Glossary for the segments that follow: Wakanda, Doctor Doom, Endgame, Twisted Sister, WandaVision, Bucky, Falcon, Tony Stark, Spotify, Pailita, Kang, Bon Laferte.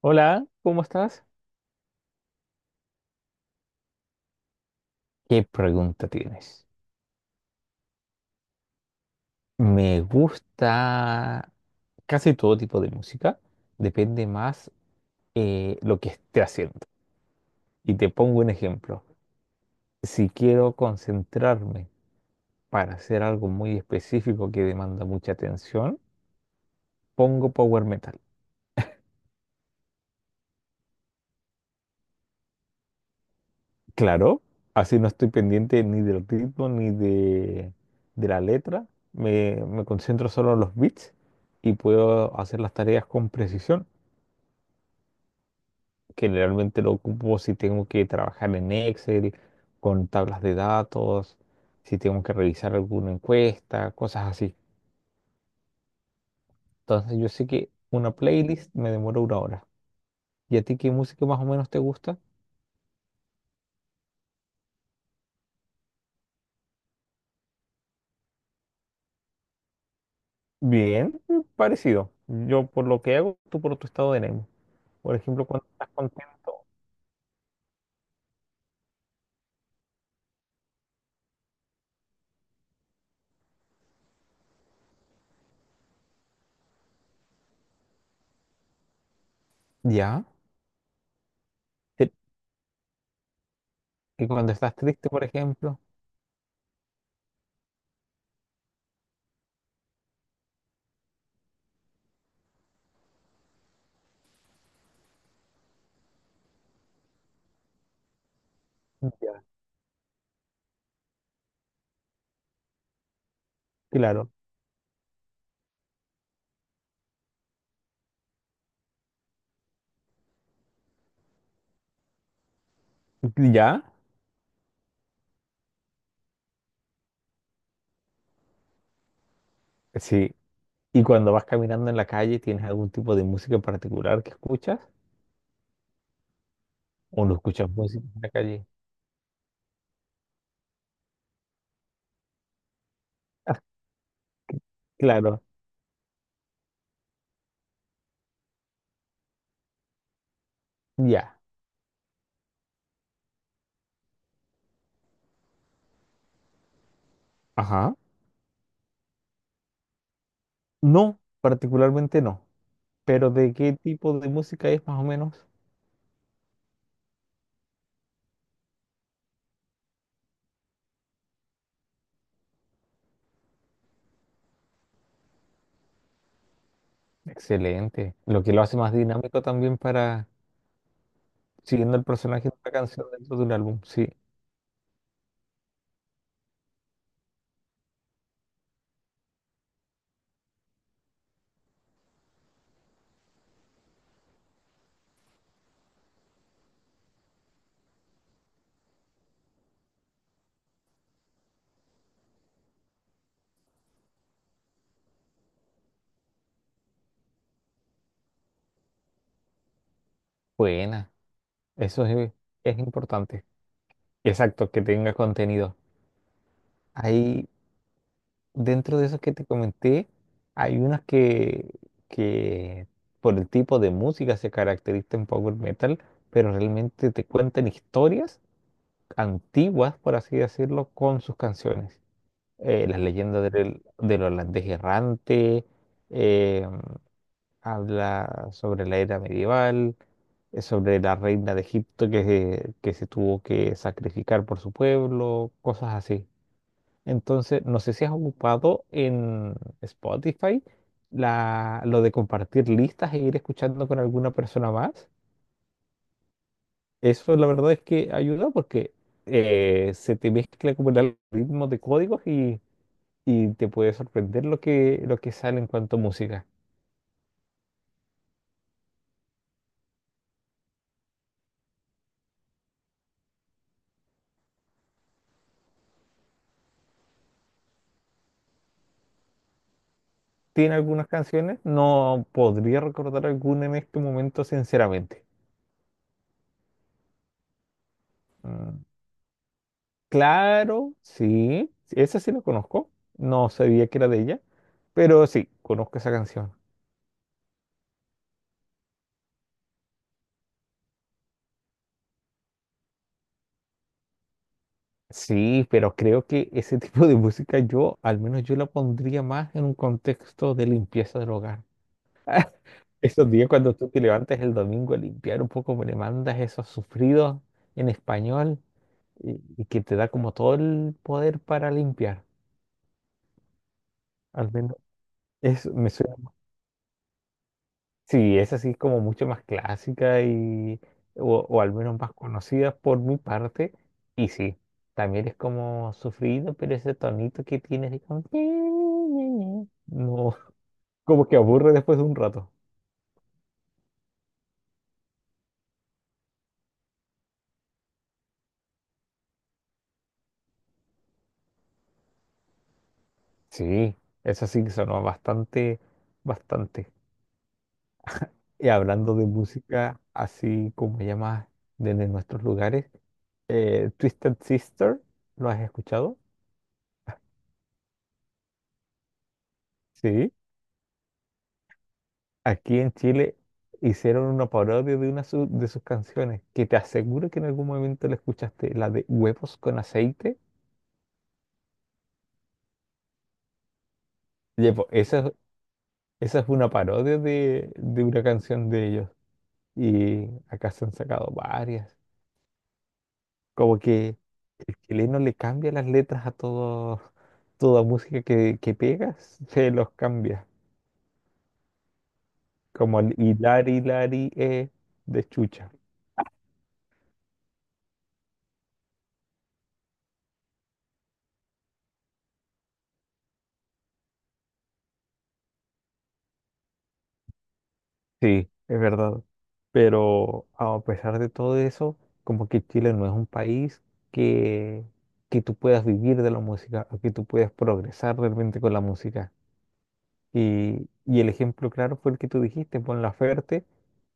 Hola, ¿cómo estás? ¿Qué pregunta tienes? Me gusta casi todo tipo de música, depende más lo que esté haciendo. Y te pongo un ejemplo. Si quiero concentrarme para hacer algo muy específico que demanda mucha atención, pongo power metal. Claro, así no estoy pendiente ni del ritmo ni de la letra. Me concentro solo en los beats y puedo hacer las tareas con precisión. Que realmente lo ocupo si tengo que trabajar en Excel, con tablas de datos, si tengo que revisar alguna encuesta, cosas así. Entonces yo sé que una playlist me demora una hora. ¿Y a ti qué música más o menos te gusta? Bien, mm, parecido. Yo por lo que hago, tú por tu estado de ánimo. Por ejemplo, cuando estás contento. Ya. Te- Y cuando estás triste, por ejemplo. Ya. Claro. ¿Ya? Sí. ¿Y cuando vas caminando en la calle, tienes algún tipo de música en particular que escuchas? O no escuchas música en la calle. Ah, claro, ya. Ajá. No, particularmente no. Pero ¿de qué tipo de música es más o menos? Excelente. Lo que lo hace más dinámico también para siguiendo el personaje de una canción dentro de un álbum. Sí, buena. Eso es importante. Exacto, que tenga contenido. Ahí, dentro de esos que te comenté, hay unas que por el tipo de música se caracterizan en power metal, pero realmente te cuentan historias antiguas, por así decirlo, con sus canciones. Las leyendas del holandés errante, eh, habla sobre la era medieval, sobre la reina de Egipto que, que se tuvo que sacrificar por su pueblo, cosas así. Entonces, no sé si has ocupado en Spotify lo de compartir listas e ir escuchando con alguna persona más. Eso la verdad es que ayuda porque se te mezcla como el algoritmo de códigos y te puede sorprender lo lo que sale en cuanto a música. Tiene algunas canciones, no podría recordar alguna en este momento, sinceramente. Mm, claro, sí, esa sí la conozco, no sabía que era de ella, pero sí, conozco esa canción. Sí, pero creo que ese tipo de música yo, al menos yo la pondría más en un contexto de limpieza del hogar. Esos días cuando tú te levantas el domingo a limpiar un poco, me le mandas esos sufridos en español y que te da como todo el poder para limpiar. Al menos es, me suena- sí, es así como mucho más clásica o al menos más conocida por mi parte. Y sí, también es como sufrido, pero ese tonito que tienes de como... No, como que aburre después de un rato. Sí, eso sí que sonó bastante, bastante. Y hablando de música, así como llamas desde nuestros lugares, Twisted Sister, ¿lo has escuchado? Sí. Aquí en Chile hicieron una parodia de una de sus canciones, que te aseguro que en algún momento la escuchaste, la de Huevos con aceite. Oye, po, esa, esa es una parodia de una canción de ellos. Y acá se han sacado varias. Como que el chileno le cambia las letras a todo, toda música que pega, se los cambia. Como el hilari, lari, de chucha. Sí, es verdad. Pero a pesar de todo eso, como que Chile no es un país que, que tú puedas vivir de la música o que tú puedas progresar realmente con la música. Y el ejemplo claro fue el que tú dijiste, Bon Laferte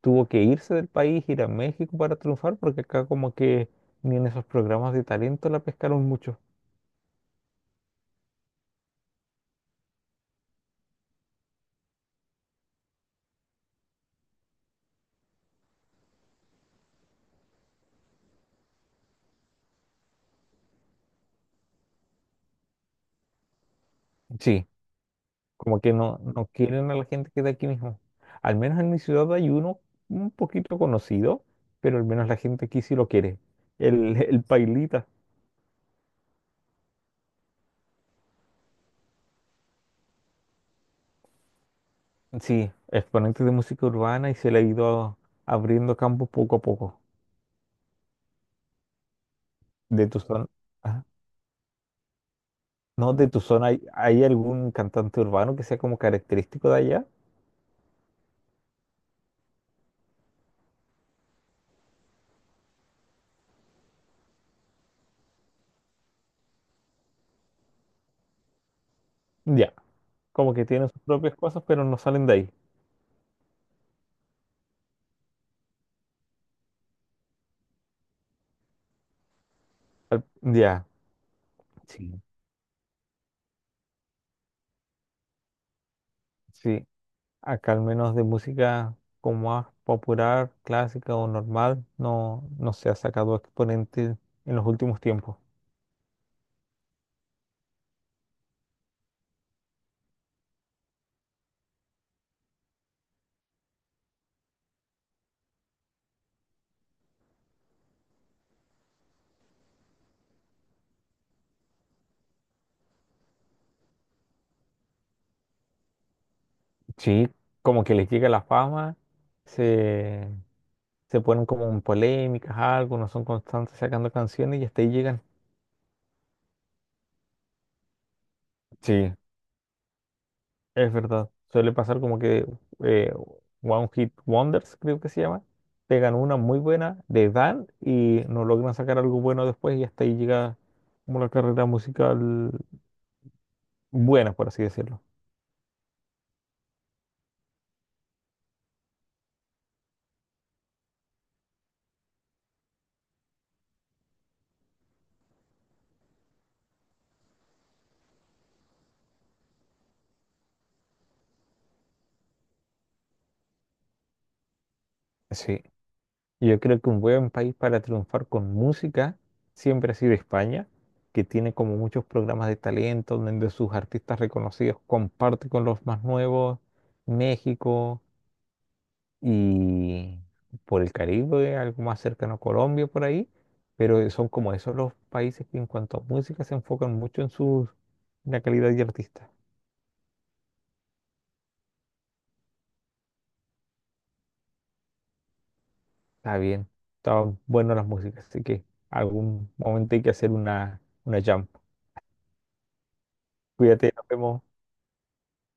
tuvo que irse del país, ir a México para triunfar, porque acá como que ni en esos programas de talento la pescaron mucho. Sí. Como que no, no quieren a la gente que es de aquí mismo. Al menos en mi ciudad hay uno un poquito conocido, pero al menos la gente aquí sí lo quiere. El, el Pailita. Sí, exponente de música urbana y se le ha ido abriendo campo poco a poco. De tu zona. Ah, no, de tu zona, ¿hay, hay algún cantante urbano que sea como característico de allá? Ya, como que tiene sus propias cosas, pero no salen de ahí. Ya, sí, sí. Acá al menos de música como más popular, clásica o normal, no, no se ha sacado exponente en los últimos tiempos. Sí, como que les llega la fama, se, se ponen como en polémicas, algo, no son constantes sacando canciones y hasta ahí llegan. Sí, es verdad, suele pasar como que eh, One Hit Wonders, creo que se llama, pegan una muy buena de Dan y no logran sacar algo bueno después y hasta ahí llega como la carrera musical buena, por así decirlo. Sí, yo creo que un buen país para triunfar con música siempre ha sido España, que tiene como muchos programas de talento donde sus artistas reconocidos comparte con los más nuevos, México y por el Caribe, algo más cercano a Colombia por ahí, pero son como esos los países que en cuanto a música se enfocan mucho en su la calidad de artista. Está bien, están buenas las músicas, así que algún momento hay que hacer una jam. Cuídate, nos vemos.